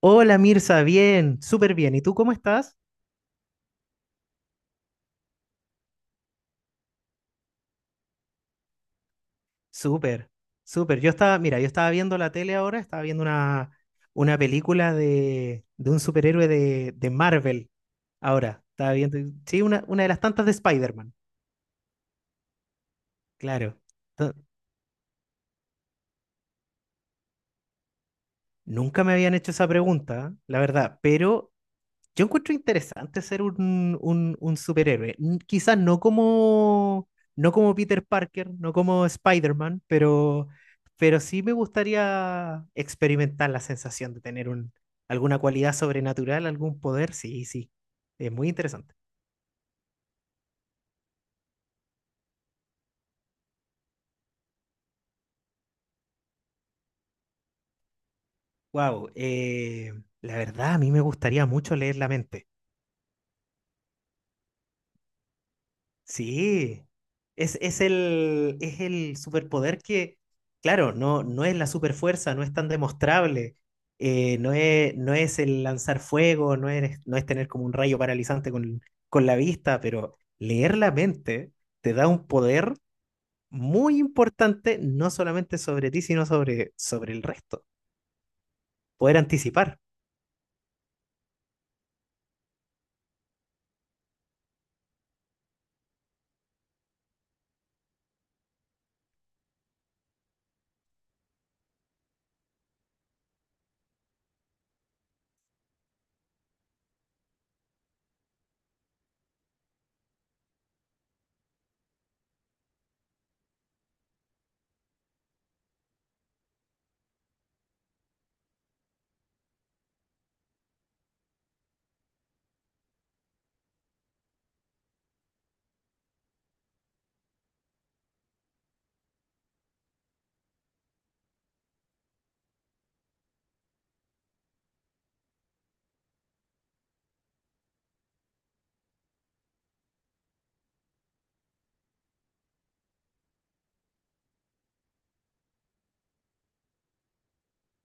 Hola Mirza, bien, súper bien. ¿Y tú cómo estás? Súper, súper. Yo estaba, mira, yo estaba viendo la tele ahora, estaba viendo una película de un superhéroe de Marvel ahora. Estaba viendo, sí, una de las tantas de Spider-Man, claro. Ento- Nunca me habían hecho esa pregunta, la verdad, pero yo encuentro interesante ser un superhéroe. Quizás no como, no como Peter Parker, no como Spider-Man, pero sí me gustaría experimentar la sensación de tener un, alguna cualidad sobrenatural, algún poder. Sí, sí. Es muy interesante. Wow, la verdad, a mí me gustaría mucho leer la mente. Sí, es, es el superpoder que, claro, no, no es la superfuerza, no es tan demostrable, no es, no es el lanzar fuego, no es, no es tener como un rayo paralizante con la vista, pero leer la mente te da un poder muy importante, no solamente sobre ti, sino sobre, sobre el resto, poder anticipar.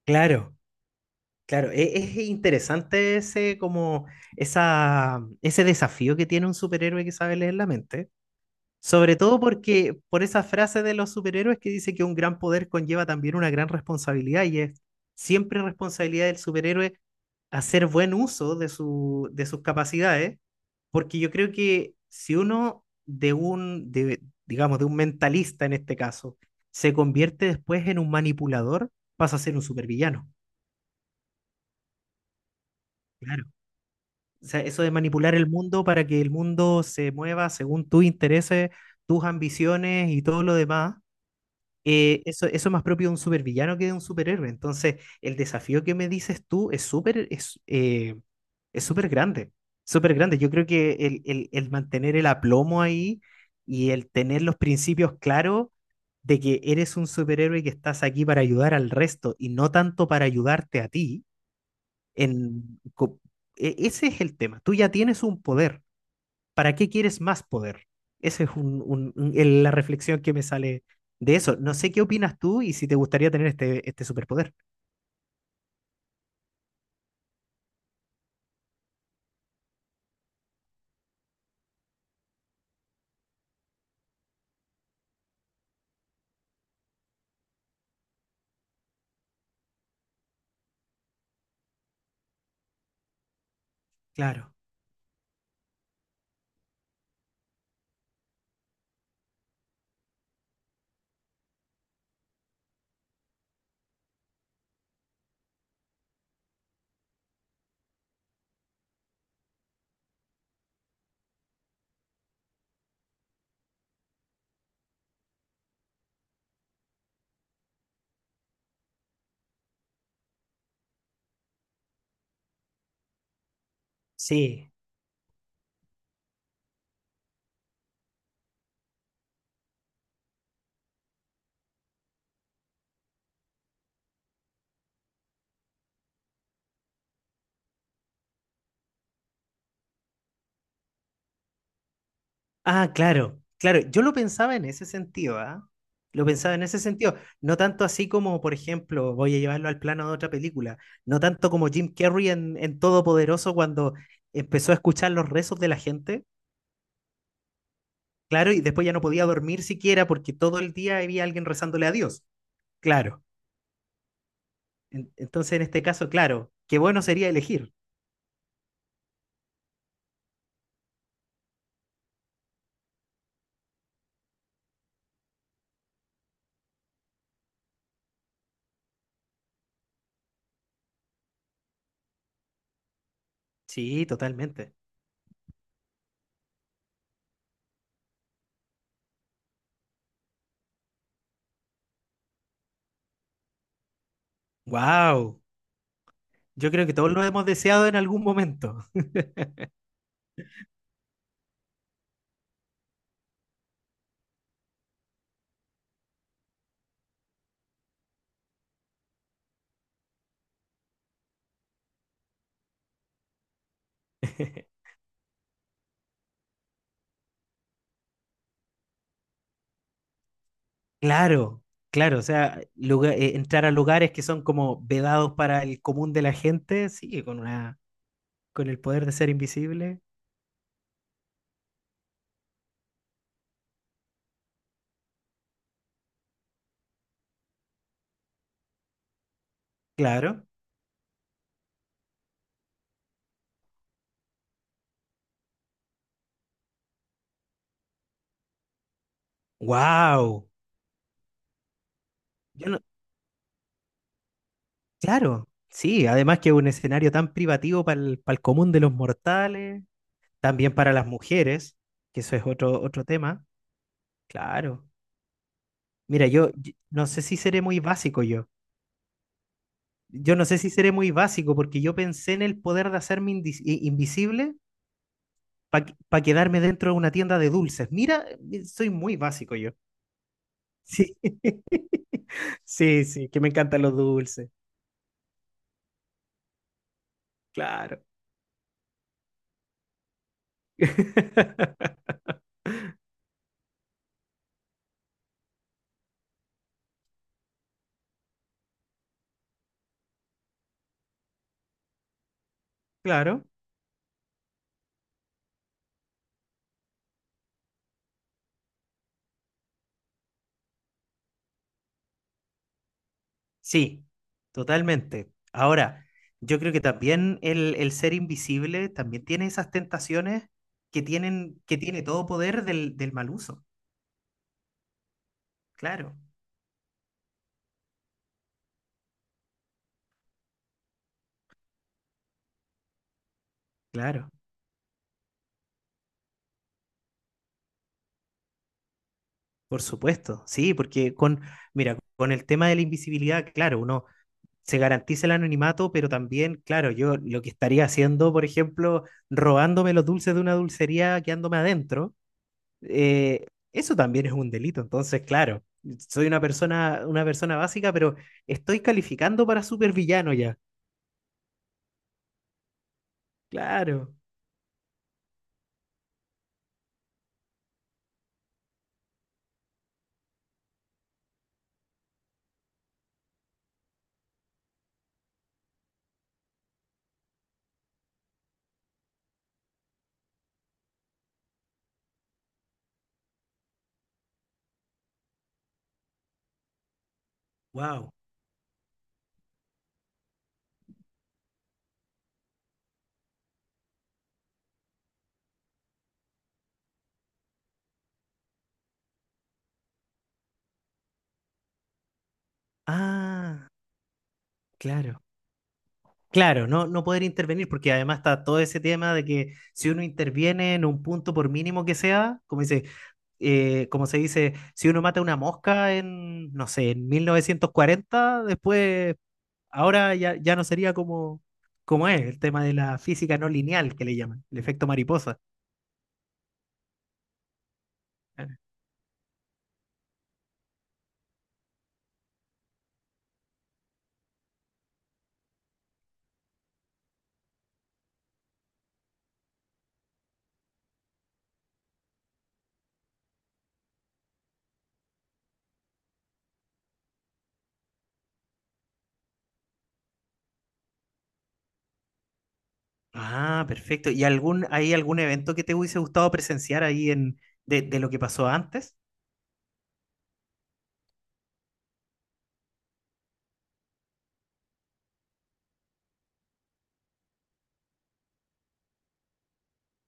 Claro, claro, es interesante ese, como, esa, ese desafío que tiene un superhéroe que sabe leer la mente. Sobre todo porque por esa frase de los superhéroes que dice que un gran poder conlleva también una gran responsabilidad y es siempre responsabilidad del superhéroe hacer buen uso de su, de sus capacidades, porque yo creo que si uno de un, de, digamos, de un mentalista en este caso, se convierte después en un manipulador, pasa a ser un supervillano. Claro. O sea, eso de manipular el mundo para que el mundo se mueva según tus intereses, tus ambiciones y todo lo demás, eso, eso es más propio de un supervillano que de un superhéroe. Entonces, el desafío que me dices tú es súper grande, súper grande. Yo creo que el mantener el aplomo ahí y el tener los principios claros de que eres un superhéroe y que estás aquí para ayudar al resto y no tanto para ayudarte a ti, en, co- ese es el tema. Tú ya tienes un poder. ¿Para qué quieres más poder? Esa es la reflexión que me sale de eso. No sé qué opinas tú y si te gustaría tener este, este superpoder. Claro, sí. Ah, claro, claro. Yo lo pensaba en ese sentido, ¿ah? Lo pensaba en ese sentido. No tanto así como, por ejemplo, voy a llevarlo al plano de otra película. No tanto como Jim Carrey en Todopoderoso cuando empezó a escuchar los rezos de la gente. Claro, y después ya no podía dormir siquiera porque todo el día había alguien rezándole a Dios. Claro. Entonces, en este caso, claro, qué bueno sería elegir. Sí, totalmente. Wow. Yo creo que todos lo hemos deseado en algún momento. Claro, claro, o sea, entrar a lugares que son como vedados para el común de la gente, sí, con una, con el poder de ser invisible, claro. Wow. Yo no, claro, sí, además que un escenario tan privativo para el común de los mortales, también para las mujeres, que eso es otro, otro tema, claro. Mira, yo no sé si seré muy básico yo. Yo no sé si seré muy básico porque yo pensé en el poder de hacerme invisible para quedarme dentro de una tienda de dulces. Mira, soy muy básico yo. Sí, sí, sí, que me encantan los dulces. Claro. Claro. Sí, totalmente. Ahora, yo creo que también el ser invisible también tiene esas tentaciones que tienen, que tiene todo poder del mal uso. Claro, claro. Por supuesto, sí, porque con, mira, con el tema de la invisibilidad, claro, uno se garantiza el anonimato, pero también, claro, yo lo que estaría haciendo, por ejemplo, robándome los dulces de una dulcería quedándome adentro, eh, eso también es un delito. Entonces, claro, soy una persona básica, pero estoy calificando para supervillano ya. Claro. Wow. Ah, claro. Claro, no, no poder intervenir, porque además está todo ese tema de que si uno interviene en un punto, por mínimo que sea, como dice, como se dice, si uno mata una mosca en, no sé, en 1940, después, ahora ya, ya no sería como, como es el tema de la física no lineal que le llaman, el efecto mariposa. Ah, perfecto. ¿Y algún, hay algún evento que te hubiese gustado presenciar ahí en, de lo que pasó antes?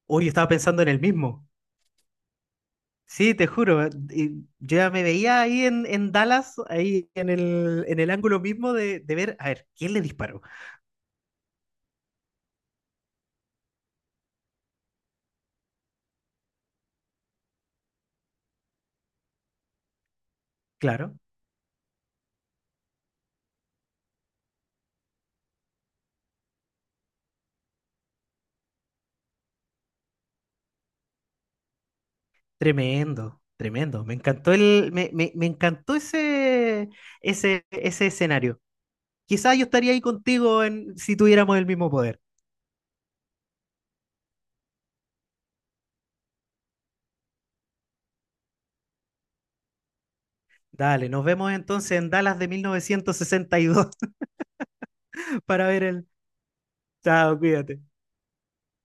Hoy estaba pensando en el mismo. Sí, te juro, y yo ya me veía ahí en Dallas, ahí en el ángulo mismo de ver, a ver, ¿quién le disparó? Claro, tremendo, tremendo. Me encantó el, me encantó ese, ese, ese escenario. Quizás yo estaría ahí contigo en, si tuviéramos el mismo poder. Dale, nos vemos entonces en Dallas de 1962 para ver el... Chao, cuídate.